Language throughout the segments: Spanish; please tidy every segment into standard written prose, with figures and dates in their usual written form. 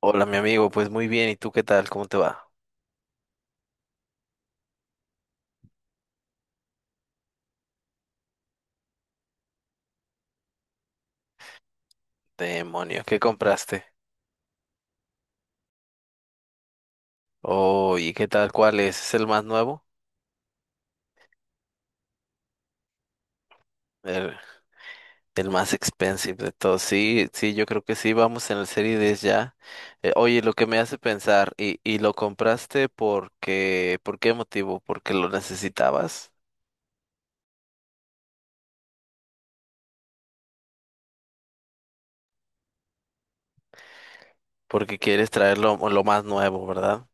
Hola, mi amigo, pues muy bien, ¿y tú qué tal? ¿Cómo te va? Demonio, ¿qué compraste? Oh, ¿y qué tal? ¿Cuál es? ¿Es el más nuevo? El, el más expensive de todos. Sí, sí, yo creo que sí, vamos en el Serie 10 ya. Oye, lo que me hace pensar, ¿y lo compraste porque, por qué motivo? ¿Porque lo necesitabas? Porque quieres traerlo lo más nuevo, ¿verdad?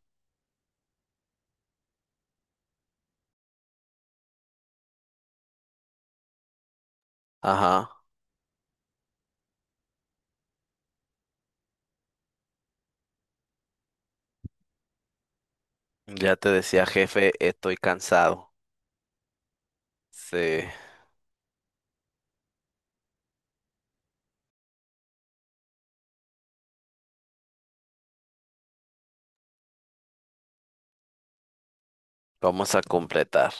Ajá, ya te decía, jefe, estoy cansado. Sí, vamos a completar.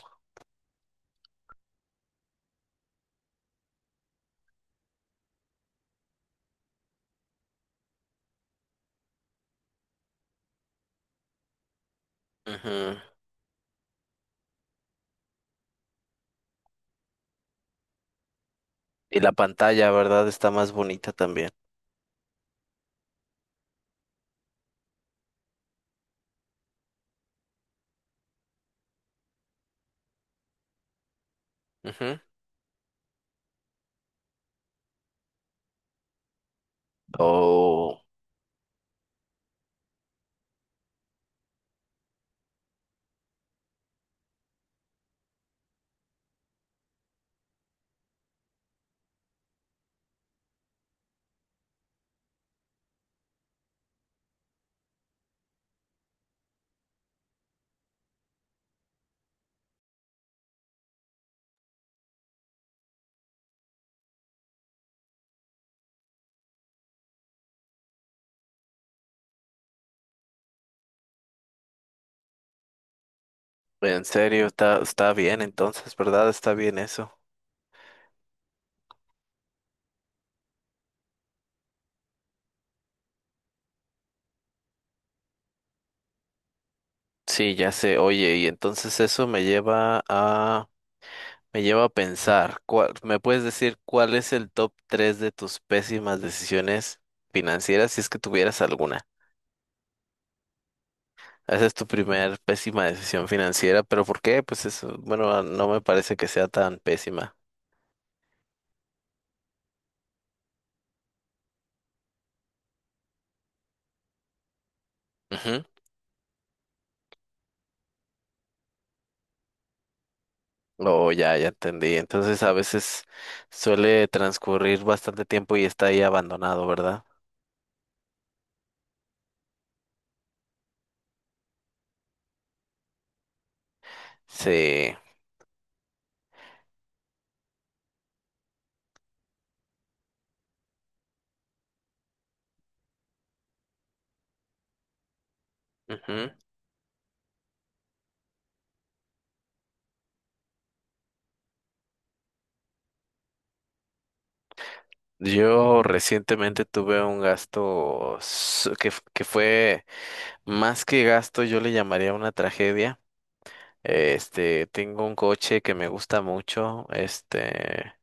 Ujú. Y la pantalla, ¿verdad? Está más bonita también. Ujú. Oh, en serio, está bien entonces, ¿verdad? Está bien eso. Sí, ya sé. Oye, y entonces eso me lleva a pensar, ¿me puedes decir cuál es el top 3 de tus pésimas decisiones financieras si es que tuvieras alguna? Esa es tu primer pésima decisión financiera, pero ¿por qué? Pues eso, bueno, no me parece que sea tan pésima. Oh, ya, ya entendí. Entonces a veces suele transcurrir bastante tiempo y está ahí abandonado, ¿verdad? Sí. Ujú. Yo recientemente tuve un gasto que fue más que gasto, yo le llamaría una tragedia. Este, tengo un coche que me gusta mucho, este,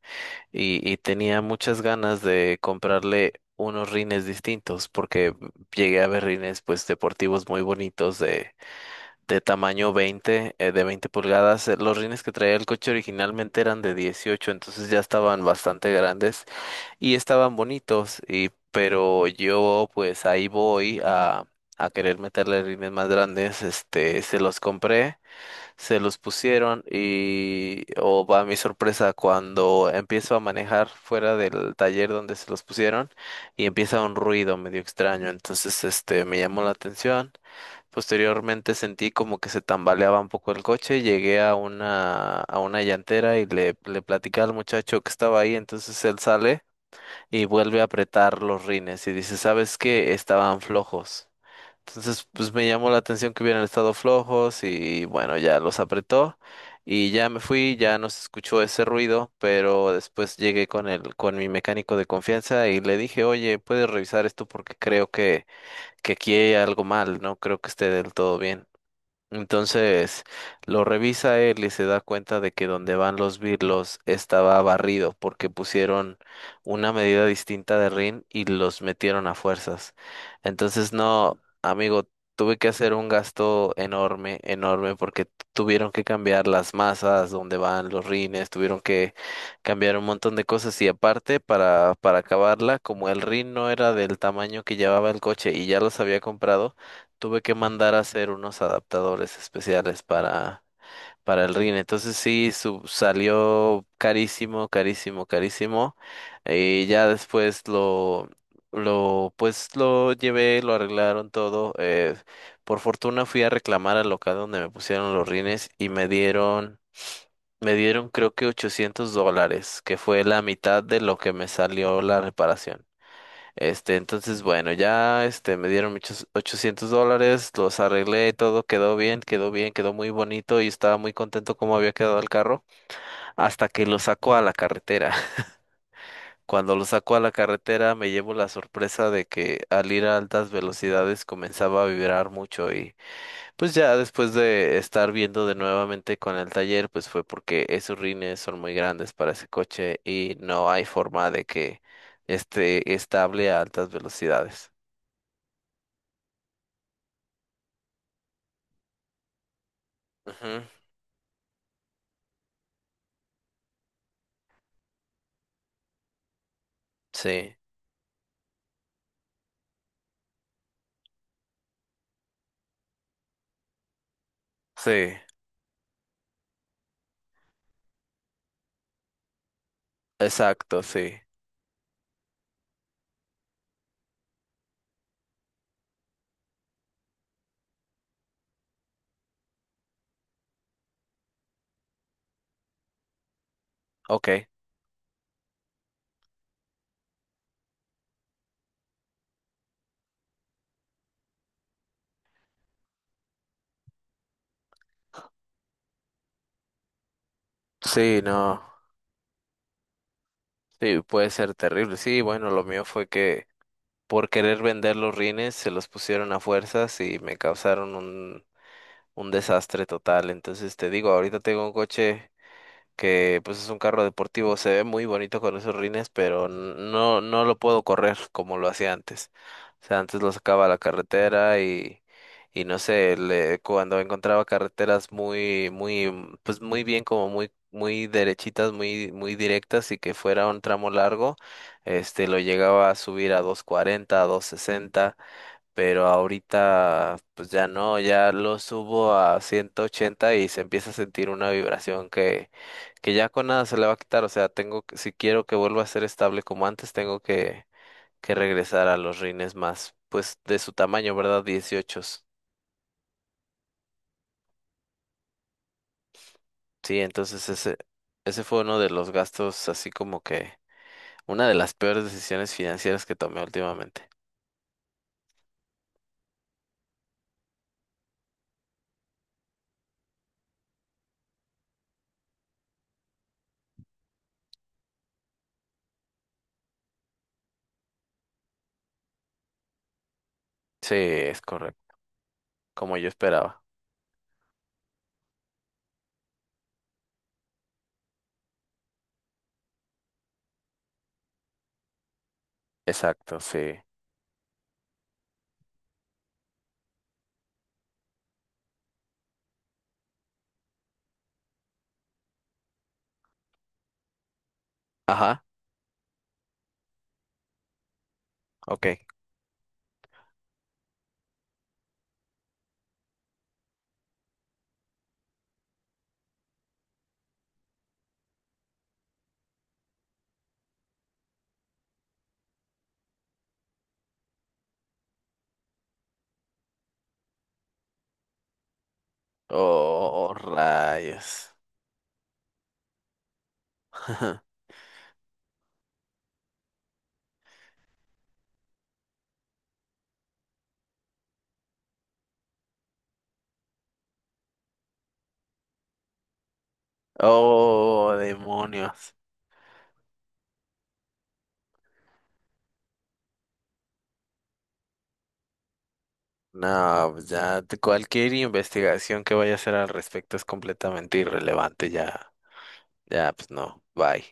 y tenía muchas ganas de comprarle unos rines distintos porque llegué a ver rines pues deportivos muy bonitos de tamaño 20, de 20 pulgadas. Los rines que traía el coche originalmente eran de 18, entonces ya estaban bastante grandes y estaban bonitos. Y, pero yo pues ahí voy a querer meterle rines más grandes. Este, se los compré, se los pusieron y, oh, va mi sorpresa, cuando empiezo a manejar fuera del taller donde se los pusieron y empieza un ruido medio extraño. Entonces, este, me llamó la atención. Posteriormente sentí como que se tambaleaba un poco el coche, llegué a una llantera y le platicé al muchacho que estaba ahí, entonces él sale y vuelve a apretar los rines y dice, ¿sabes qué? Estaban flojos. Entonces, pues me llamó la atención que hubieran estado flojos y bueno, ya los apretó y ya me fui, ya no se escuchó ese ruido, pero después llegué con el, con mi mecánico de confianza y le dije, oye, ¿puedes revisar esto? Porque creo que aquí hay algo mal, no creo que esté del todo bien. Entonces lo revisa él y se da cuenta de que donde van los birlos estaba barrido porque pusieron una medida distinta de rin y los metieron a fuerzas. Entonces no, amigo, tuve que hacer un gasto enorme, enorme porque tuvieron que cambiar las masas donde van los rines, tuvieron que cambiar un montón de cosas y aparte para acabarla, como el rin no era del tamaño que llevaba el coche y ya los había comprado tuve que mandar a hacer unos adaptadores especiales para el RIN. Entonces sí, salió carísimo, carísimo, carísimo. Y ya después pues lo llevé, lo arreglaron todo. Por fortuna fui a reclamar al local donde me pusieron los rines y me dieron creo que $800, que fue la mitad de lo que me salió la reparación. Este, entonces, bueno, ya, este, me dieron muchos $800, los arreglé, todo quedó bien, quedó bien, quedó muy bonito y estaba muy contento como había quedado el carro, hasta que lo saco a la carretera. Cuando lo saco a la carretera me llevo la sorpresa de que al ir a altas velocidades comenzaba a vibrar mucho y pues ya después de estar viendo de nuevamente con el taller, pues fue porque esos rines son muy grandes para ese coche y no hay forma de que esté estable a altas velocidades. Ujú, sí, sí, exacto, sí. Ok. Sí, no. Sí, puede ser terrible. Sí, bueno, lo mío fue que por querer vender los rines se los pusieron a fuerzas y me causaron un desastre total. Entonces te digo, ahorita tengo un coche que pues es un carro deportivo, se ve muy bonito con esos rines, pero no, no lo puedo correr como lo hacía antes. O sea, antes lo sacaba a la carretera y no sé, cuando encontraba carreteras muy, muy, pues muy bien, como muy, muy derechitas, muy, muy directas y que fuera un tramo largo, este, lo llegaba a subir a 240, a 260 pero ahorita pues ya no, ya lo subo a 180 y se empieza a sentir una vibración que ya con nada se le va a quitar, o sea, tengo que, si quiero que vuelva a ser estable como antes, tengo que regresar a los rines más, pues de su tamaño, ¿verdad? 18. Sí, entonces ese fue uno de los gastos, así como que una de las peores decisiones financieras que tomé últimamente. Sí, es correcto, como yo esperaba. Exacto, sí. Ajá, ok. Oh, rayos. Oh, demonios. No, pues ya cualquier investigación que vaya a hacer al respecto es completamente irrelevante, ya, ya, pues no, bye.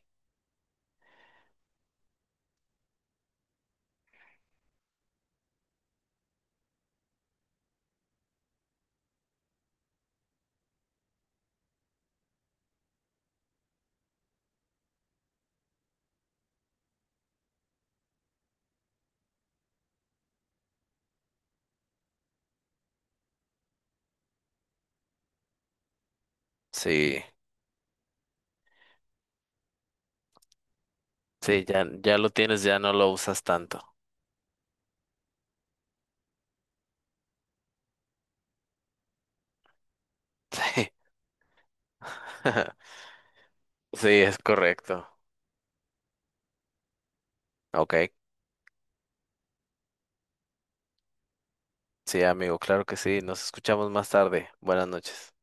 Sí, sí, ya, ya lo tienes, ya no lo usas tanto. Sí, sí, es correcto. Ok, sí, amigo, claro que sí. Nos escuchamos más tarde. Buenas noches.